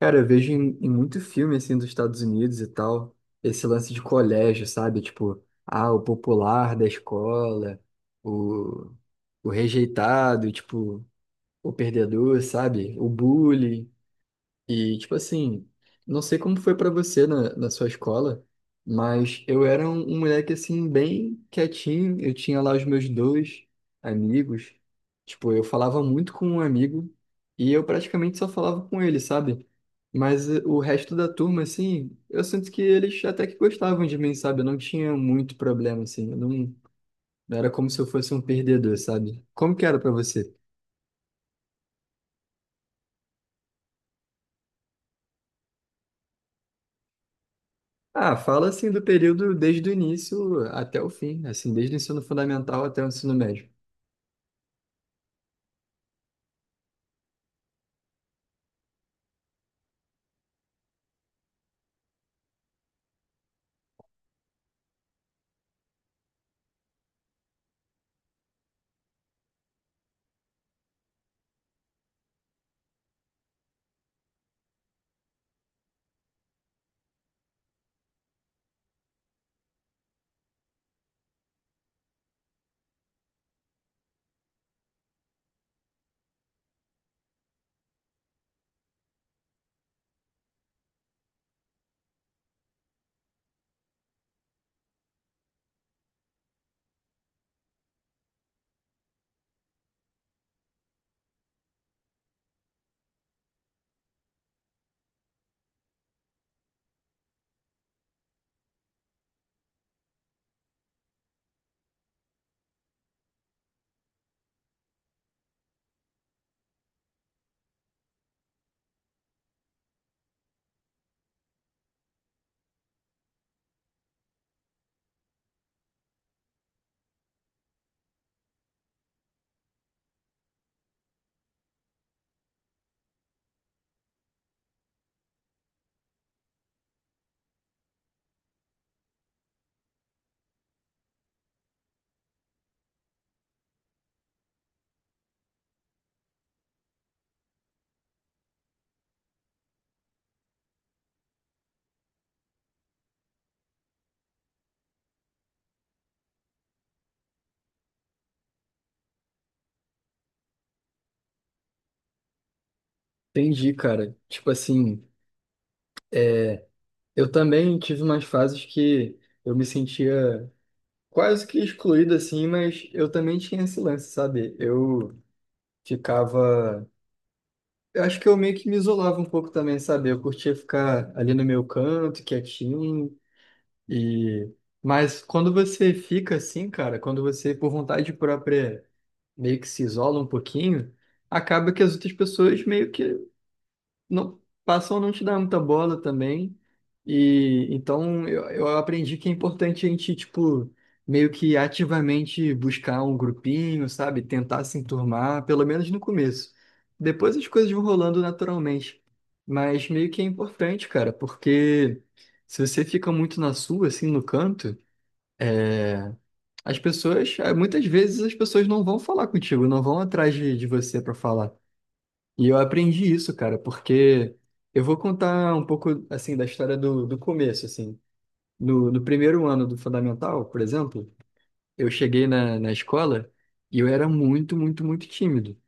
Cara, eu vejo em muito filme, assim, dos Estados Unidos e tal, esse lance de colégio, sabe? Tipo, ah, o popular da escola, o, o rejeitado, tipo, o perdedor, sabe? O bully e, tipo assim, não sei como foi pra você na sua escola, mas eu era um moleque, assim, bem quietinho. Eu tinha lá os meus dois amigos. Tipo, eu falava muito com um amigo e eu praticamente só falava com ele, sabe? Mas o resto da turma, assim, eu sinto que eles até que gostavam de mim, sabe? Eu não tinha muito problema, assim. Eu não, Não era como se eu fosse um perdedor, sabe? Como que era pra você? Ah, fala assim do período desde o início até o fim, assim, desde o ensino fundamental até o ensino médio. Entendi, cara. Tipo assim, eu também tive umas fases que eu me sentia quase que excluído, assim, mas eu também tinha esse lance, sabe? Eu ficava. Eu acho que eu meio que me isolava um pouco também, sabe? Eu curtia ficar ali no meu canto, quietinho, e. Mas quando você fica assim, cara, quando você, por vontade própria meio que se isola um pouquinho, acaba que as outras pessoas meio que não passam a não te dar muita bola também. E então eu aprendi que é importante a gente, tipo, meio que ativamente buscar um grupinho, sabe? Tentar se enturmar, pelo menos no começo. Depois as coisas vão rolando naturalmente. Mas meio que é importante, cara, porque se você fica muito na sua, assim, no canto, é, muitas vezes as pessoas não vão falar contigo, não vão atrás de você para falar. E eu aprendi isso, cara, porque eu vou contar um pouco, assim, da história do começo, assim. No primeiro ano do fundamental, por exemplo, eu cheguei na escola e eu era muito, muito, muito tímido.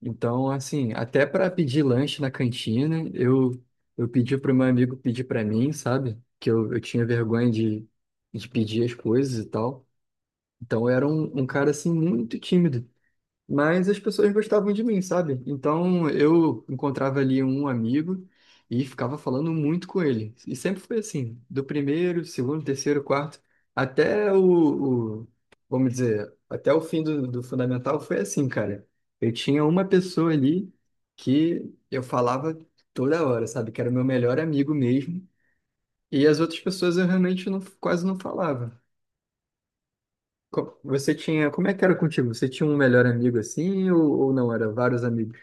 Então, assim, até para pedir lanche na cantina, eu pedi para o meu amigo pedir para mim, sabe? Que eu tinha vergonha de pedir as coisas e tal. Então eu era um cara assim muito tímido, mas as pessoas gostavam de mim, sabe? Então eu encontrava ali um amigo e ficava falando muito com ele. E sempre foi assim, do primeiro, segundo, terceiro, quarto, até o, o- vamos dizer, até o fim do fundamental foi assim, cara. Eu tinha uma pessoa ali que eu falava toda hora, sabe? Que era o meu melhor amigo mesmo. E as outras pessoas eu realmente quase não falava Você tinha. Como é que era contigo? Você tinha um melhor amigo assim ou não? Era vários amigos?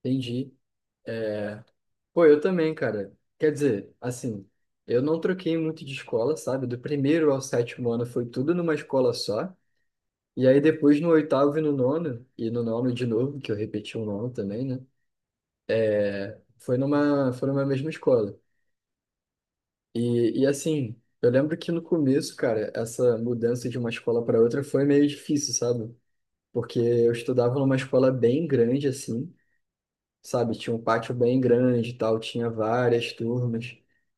Entendi. É, pô, eu também, cara. Quer dizer, assim, eu não troquei muito de escola, sabe? Do primeiro ao sétimo ano foi tudo numa escola só. E aí depois no oitavo e no nono de novo, que eu repeti o nono também, né? Foi numa mesma escola. E assim, eu lembro que no começo, cara, essa mudança de uma escola para outra foi meio difícil, sabe? Porque eu estudava numa escola bem grande, assim, sabe? Tinha um pátio bem grande e tal, tinha várias turmas.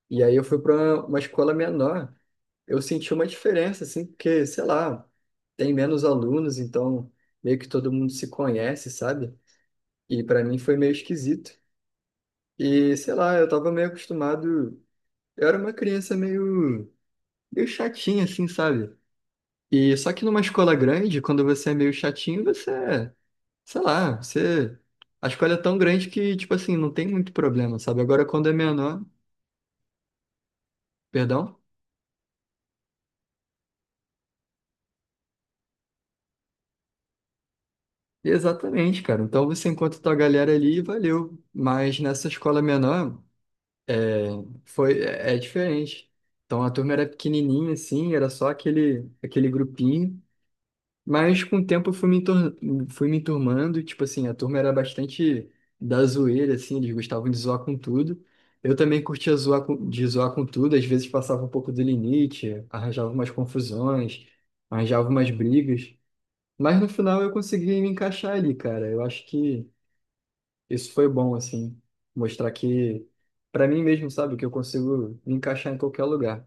E aí eu fui para uma escola menor, eu senti uma diferença, assim, porque, sei lá, tem menos alunos, então meio que todo mundo se conhece, sabe? E para mim foi meio esquisito. E, sei lá, eu tava meio acostumado, eu era uma criança meio, meio chatinha, assim, sabe? E só que numa escola grande, quando você é meio chatinho, você sei lá, você. A escola é tão grande que, tipo assim, não tem muito problema, sabe? Agora, quando é menor, perdão? Exatamente, cara. Então você encontra tua galera ali e valeu. Mas nessa escola menor, é, é diferente. Então a turma era pequenininha, assim, era só aquele grupinho. Mas com o tempo eu fui fui me enturmando, e, tipo assim, a turma era bastante da zoeira, assim, eles gostavam de zoar com tudo. Eu também curtia de zoar com tudo, às vezes passava um pouco do limite, arranjava umas confusões, arranjava umas brigas. Mas no final eu consegui me encaixar ali, cara. Eu acho que isso foi bom, assim, mostrar que, pra mim mesmo, sabe, que eu consigo me encaixar em qualquer lugar.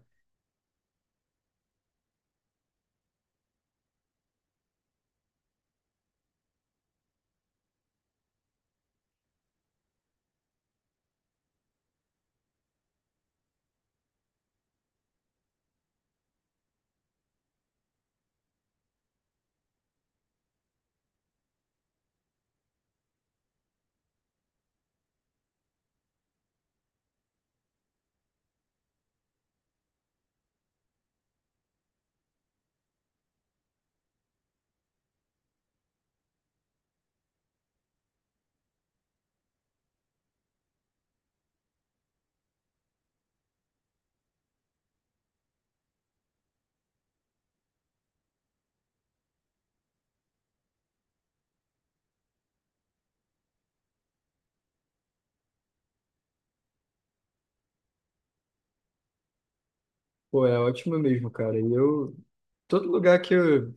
Pô, é ótimo mesmo, cara. E eu, todo lugar que eu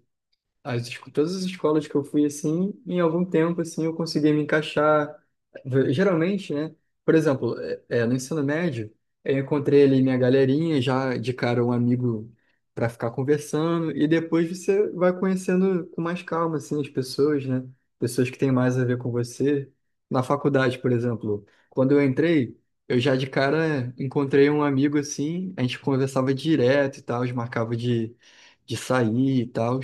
Todas as escolas que eu fui, assim, em algum tempo, assim, eu consegui me encaixar. Geralmente, né? Por exemplo, no ensino médio, eu encontrei ali minha galerinha, já de cara um amigo para ficar conversando, e depois você vai conhecendo com mais calma, assim, as pessoas, né? Pessoas que têm mais a ver com você. Na faculdade, por exemplo, quando eu entrei, eu já de cara encontrei um amigo, assim, a gente conversava direto e tal, marcava de sair e tal.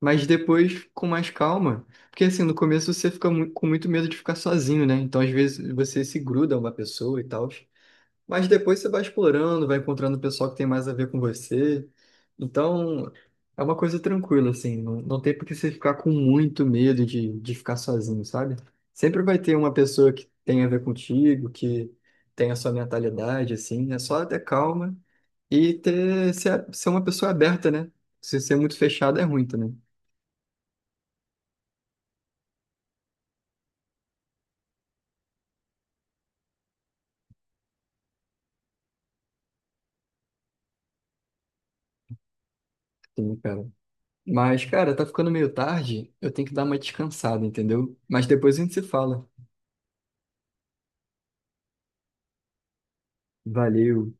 Mas depois com mais calma. Porque assim, no começo você fica com muito medo de ficar sozinho, né? Então às vezes você se gruda a uma pessoa e tal. Mas depois você vai explorando, vai encontrando o pessoal que tem mais a ver com você. Então é uma coisa tranquila, assim. Não, não tem por que você ficar com muito medo de ficar sozinho, sabe? Sempre vai ter uma pessoa que tem a ver contigo, que tem a sua mentalidade, assim. É só ter calma e ser uma pessoa aberta, né? Se ser muito fechado é ruim também. Sim, cara. Mas, cara, tá ficando meio tarde, eu tenho que dar uma descansada, entendeu? Mas depois a gente se fala. Valeu.